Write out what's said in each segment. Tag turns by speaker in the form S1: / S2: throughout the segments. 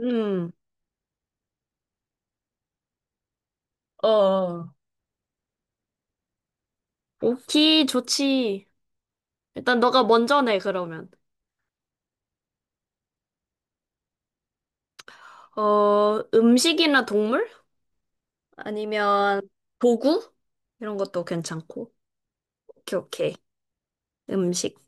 S1: 음, 어, 오키, 좋지. 일단 너가 먼저 내, 그러면. 어, 음식이나 동물? 아니면 도구? 이런 것도 괜찮고. 오케이, 오케이. 음식.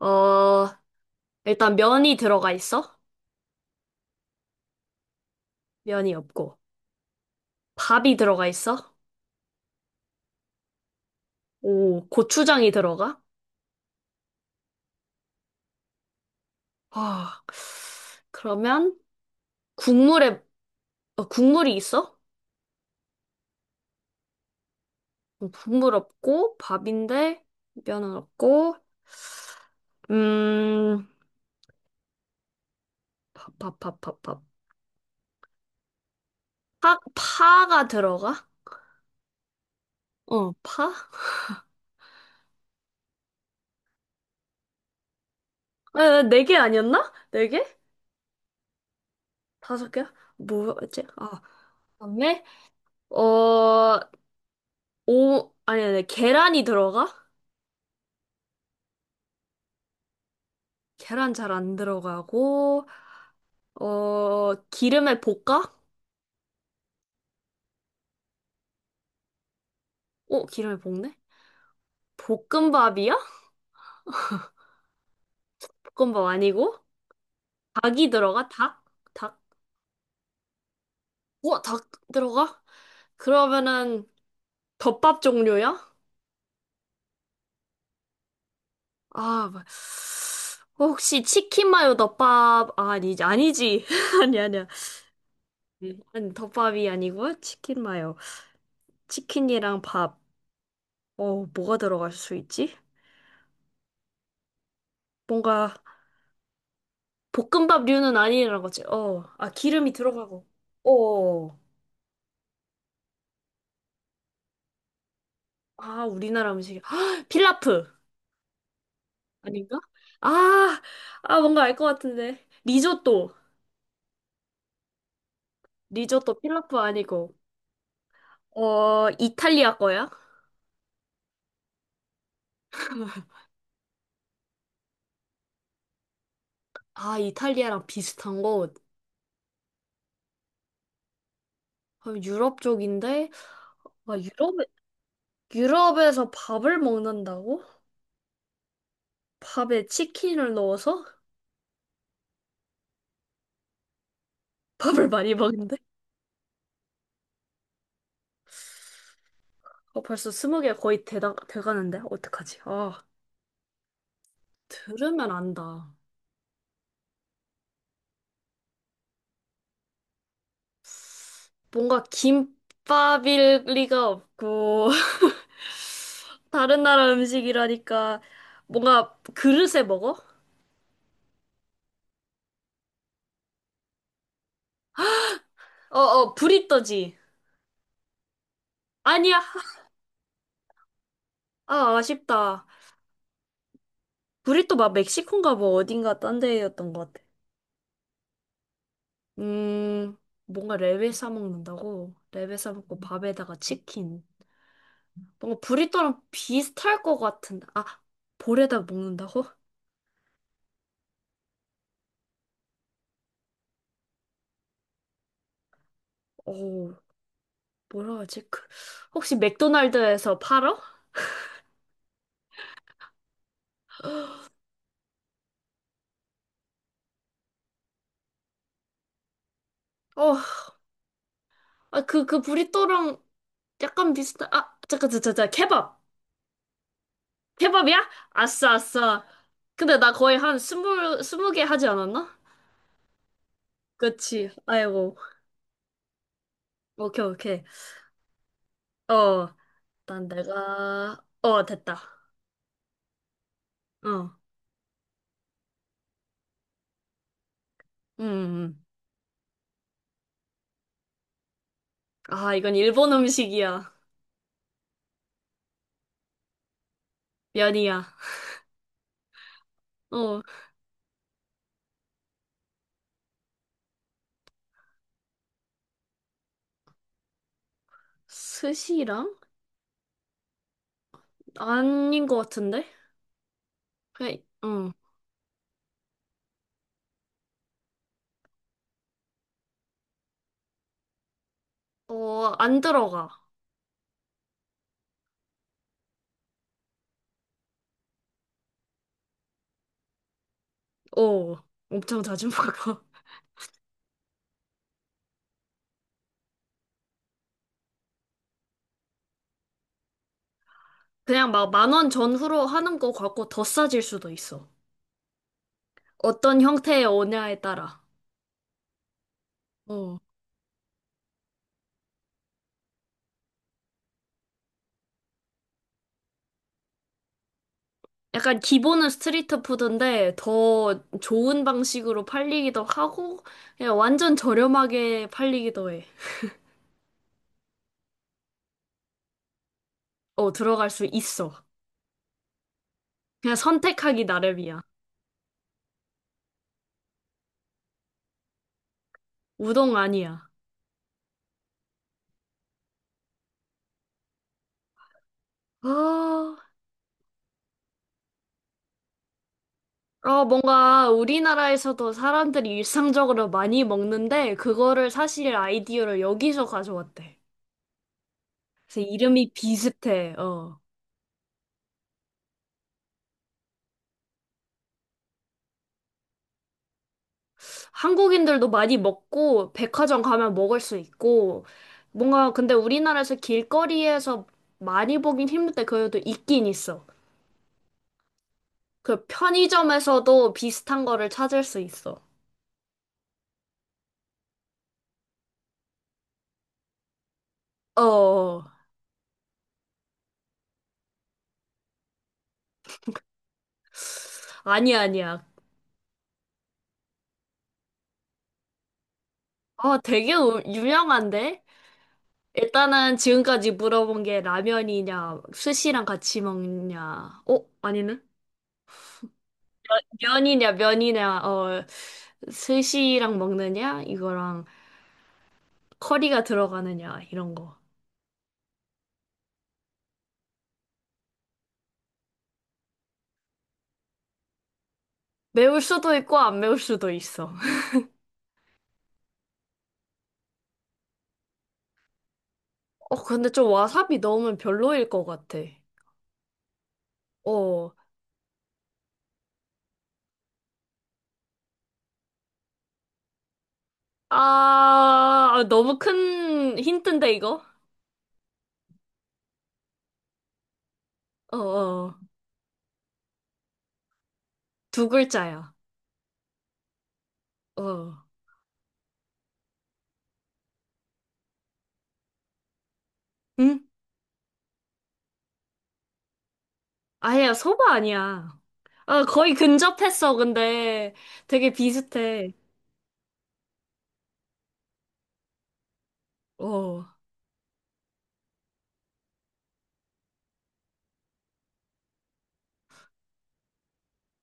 S1: 어, 일단 면이 들어가 있어? 면이 없고. 밥이 들어가 있어? 오, 고추장이 들어가? 아, 그러면 국물에, 어, 국물이 있어? 어, 국물 없고, 밥인데, 면은 없고, 음, 파. 파가 들어가? 어, 파? 아, 네개 아니었나? 네 개? 다섯 개야? 뭐였지? 아, 그다음에 어, 오, 아니, 아니, 계란이 들어가? 계란 잘 안 들어가고, 어, 기름에 볶아? 어, 기름에 볶네? 볶음밥이야? 볶음밥 아니고? 닭이 들어가? 닭? 닭? 우와, 닭 들어가? 그러면은 덮밥 종류야? 아, 혹시 치킨 마요 덮밥 아, 아니지 아니지 아니 아니야. 음. 아니, 덮밥이 아니고 치킨 마요 치킨이랑 밥 어 뭐가 들어갈 수 있지? 뭔가 볶음밥류는 아니라는 거지 어아 기름이 들어가고 어아 우리나라 음식이 필라프 아닌가? 아 아 뭔가 알 것 같은데 리조또. 리조또 필라프 아니고 어 이탈리아 거야? 아 이탈리아랑 비슷한 거. 아, 유럽 쪽인데? 아, 유럽에, 유럽에서 밥을 먹는다고? 밥에 치킨을 넣어서 밥을 많이 먹는데? 어, 벌써 스무 개 거의 되다 돼가는데? 어떡하지? 아, 들으면 안다. 뭔가 김밥일 리가 없고, 다른 나라 음식이라니까, 뭔가 그릇에 먹어? 어어, 브리또지. 아니야. 아, 아쉽다. 브리또 막 멕시코인가 뭐 어딘가 딴 데였던 것 같아. 음, 뭔가 랩에 싸먹는다고? 랩에 싸먹고 밥에다가 치킨. 뭔가 브리또랑 비슷할 것 같은데. 아, 볼에다 먹는다고? 어, 뭐라 하지? 그, 혹시 맥도날드에서 팔어? 어, 아, 그, 그 브리또랑 약간 비슷한, 아, 잠깐, 잠깐, 잠깐, 케밥. 케밥이야? 아싸, 아싸. 근데 나 거의 한 스물, 스무 개 하지 않았나? 그치. 아이고. 오케이, 오케이. 어, 난 내가, 어, 됐다. 어. 음. 음. 음. 아, 이건 일본 음식이야. 면이야. 어, 스시랑? 아닌 것 같은데? 그냥, 응. 어, 안 들어가. 어, 엄청 자주 먹어. 그냥 막 만원 전후로 하는 거 같고 더 싸질 수도 있어. 어떤 형태의 오냐에 따라. 어. 약간 기본은 스트리트 푸드인데 더 좋은 방식으로 팔리기도 하고 그냥 완전 저렴하게 팔리기도 해. 어, 들어갈 수 있어. 그냥 선택하기 나름이야. 우동 아니야. 아, 어, 뭔가 우리나라에서도 사람들이 일상적으로 많이 먹는데, 그거를 사실 아이디어를 여기서 가져왔대. 그래서 이름이 비슷해. 어. 한국인들도 많이 먹고, 백화점 가면 먹을 수 있고, 뭔가 근데 우리나라에서 길거리에서 많이 보긴 힘든데, 그래도 있긴 있어. 그 편의점에서도 비슷한 거를 찾을 수 있어. 어, 어. 아니야, 아니야. 아, 되게 유명한데? 일단은 지금까지 물어본 게 라면이냐, 스시랑 같이 먹냐, 어? 아니네? 어, 스시랑 먹느냐, 이거랑 커리가 들어가느냐, 이런 거. 매울 수도 있고, 안 매울 수도 있어. 어, 근데 좀 와사비 넣으면 별로일 것 같아. 어. 아, 너무 큰 힌트인데, 이거? 어, 어. 두 글자야. 어. 응? 아니야, 소바 아니야. 아, 거의 근접했어, 근데. 되게 비슷해. 어.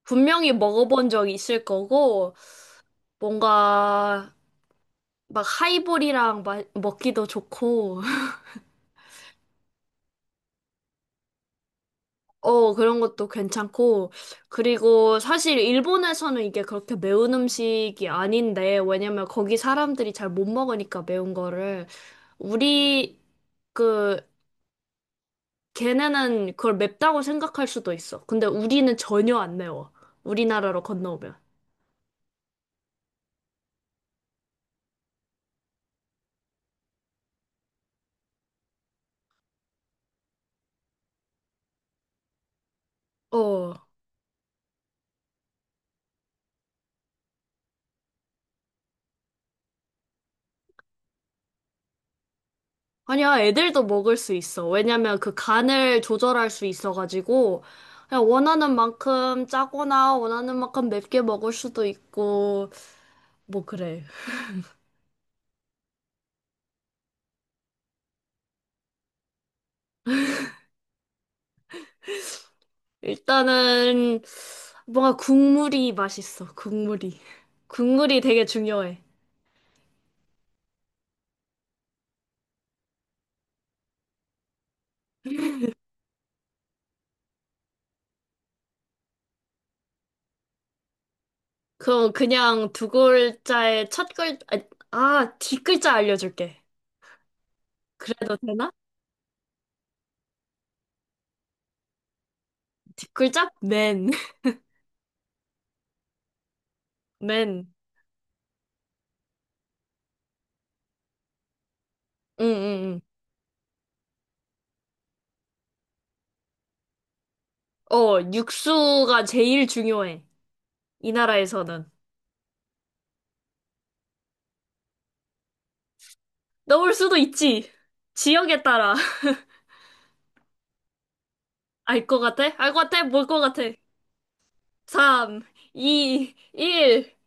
S1: 분명히 먹어본 적 있을 거고, 뭔가, 막 하이볼이랑 먹기도 좋고, 어, 그런 것도 괜찮고, 그리고 사실 일본에서는 이게 그렇게 매운 음식이 아닌데, 왜냐면 거기 사람들이 잘 못 먹으니까 매운 거를, 우리, 그 걔네는 그걸 맵다고 생각할 수도 있어. 근데 우리는 전혀 안 매워. 우리나라로 건너오면. 어. 아니야, 애들도 먹을 수 있어. 왜냐면 그 간을 조절할 수 있어가지고, 그냥 원하는 만큼 짜거나 원하는 만큼 맵게 먹을 수도 있고, 뭐 그래. 일단은, 뭔가 국물이 맛있어, 국물이. 국물이 되게 중요해. 그럼 그냥 두 글자의 첫 글, 아, 아, 뒷글자 알려줄게. 그래도 되나? 뒷글자? 맨. 맨. 응, 응, 응. 어, 육수가 제일 중요해. 이 나라에서는. 넣을 수도 있지. 지역에 따라. 알 것 같아? 알 것 같아? 뭘 것 같아? 3, 2, 1.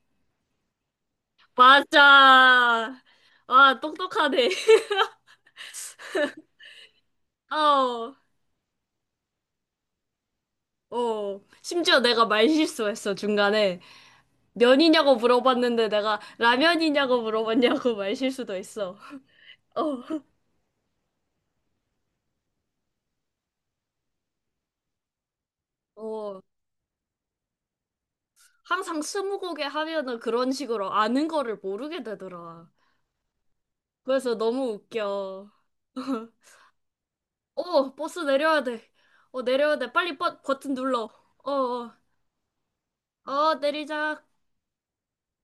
S1: 맞아. 아, 똑똑하네. 어, 어. 심지어 내가 말 실수했어, 중간에. 면이냐고 물어봤는데 내가 라면이냐고 물어봤냐고 말 실수도 했어. 어, 어. 항상 스무고개 하면은 그런 식으로 아는 거를 모르게 되더라. 그래서 너무 웃겨. 어, 버스 내려야 돼. 어, 내려야 돼. 빨리 버튼 눌러. 어, 어, 어, 내리자.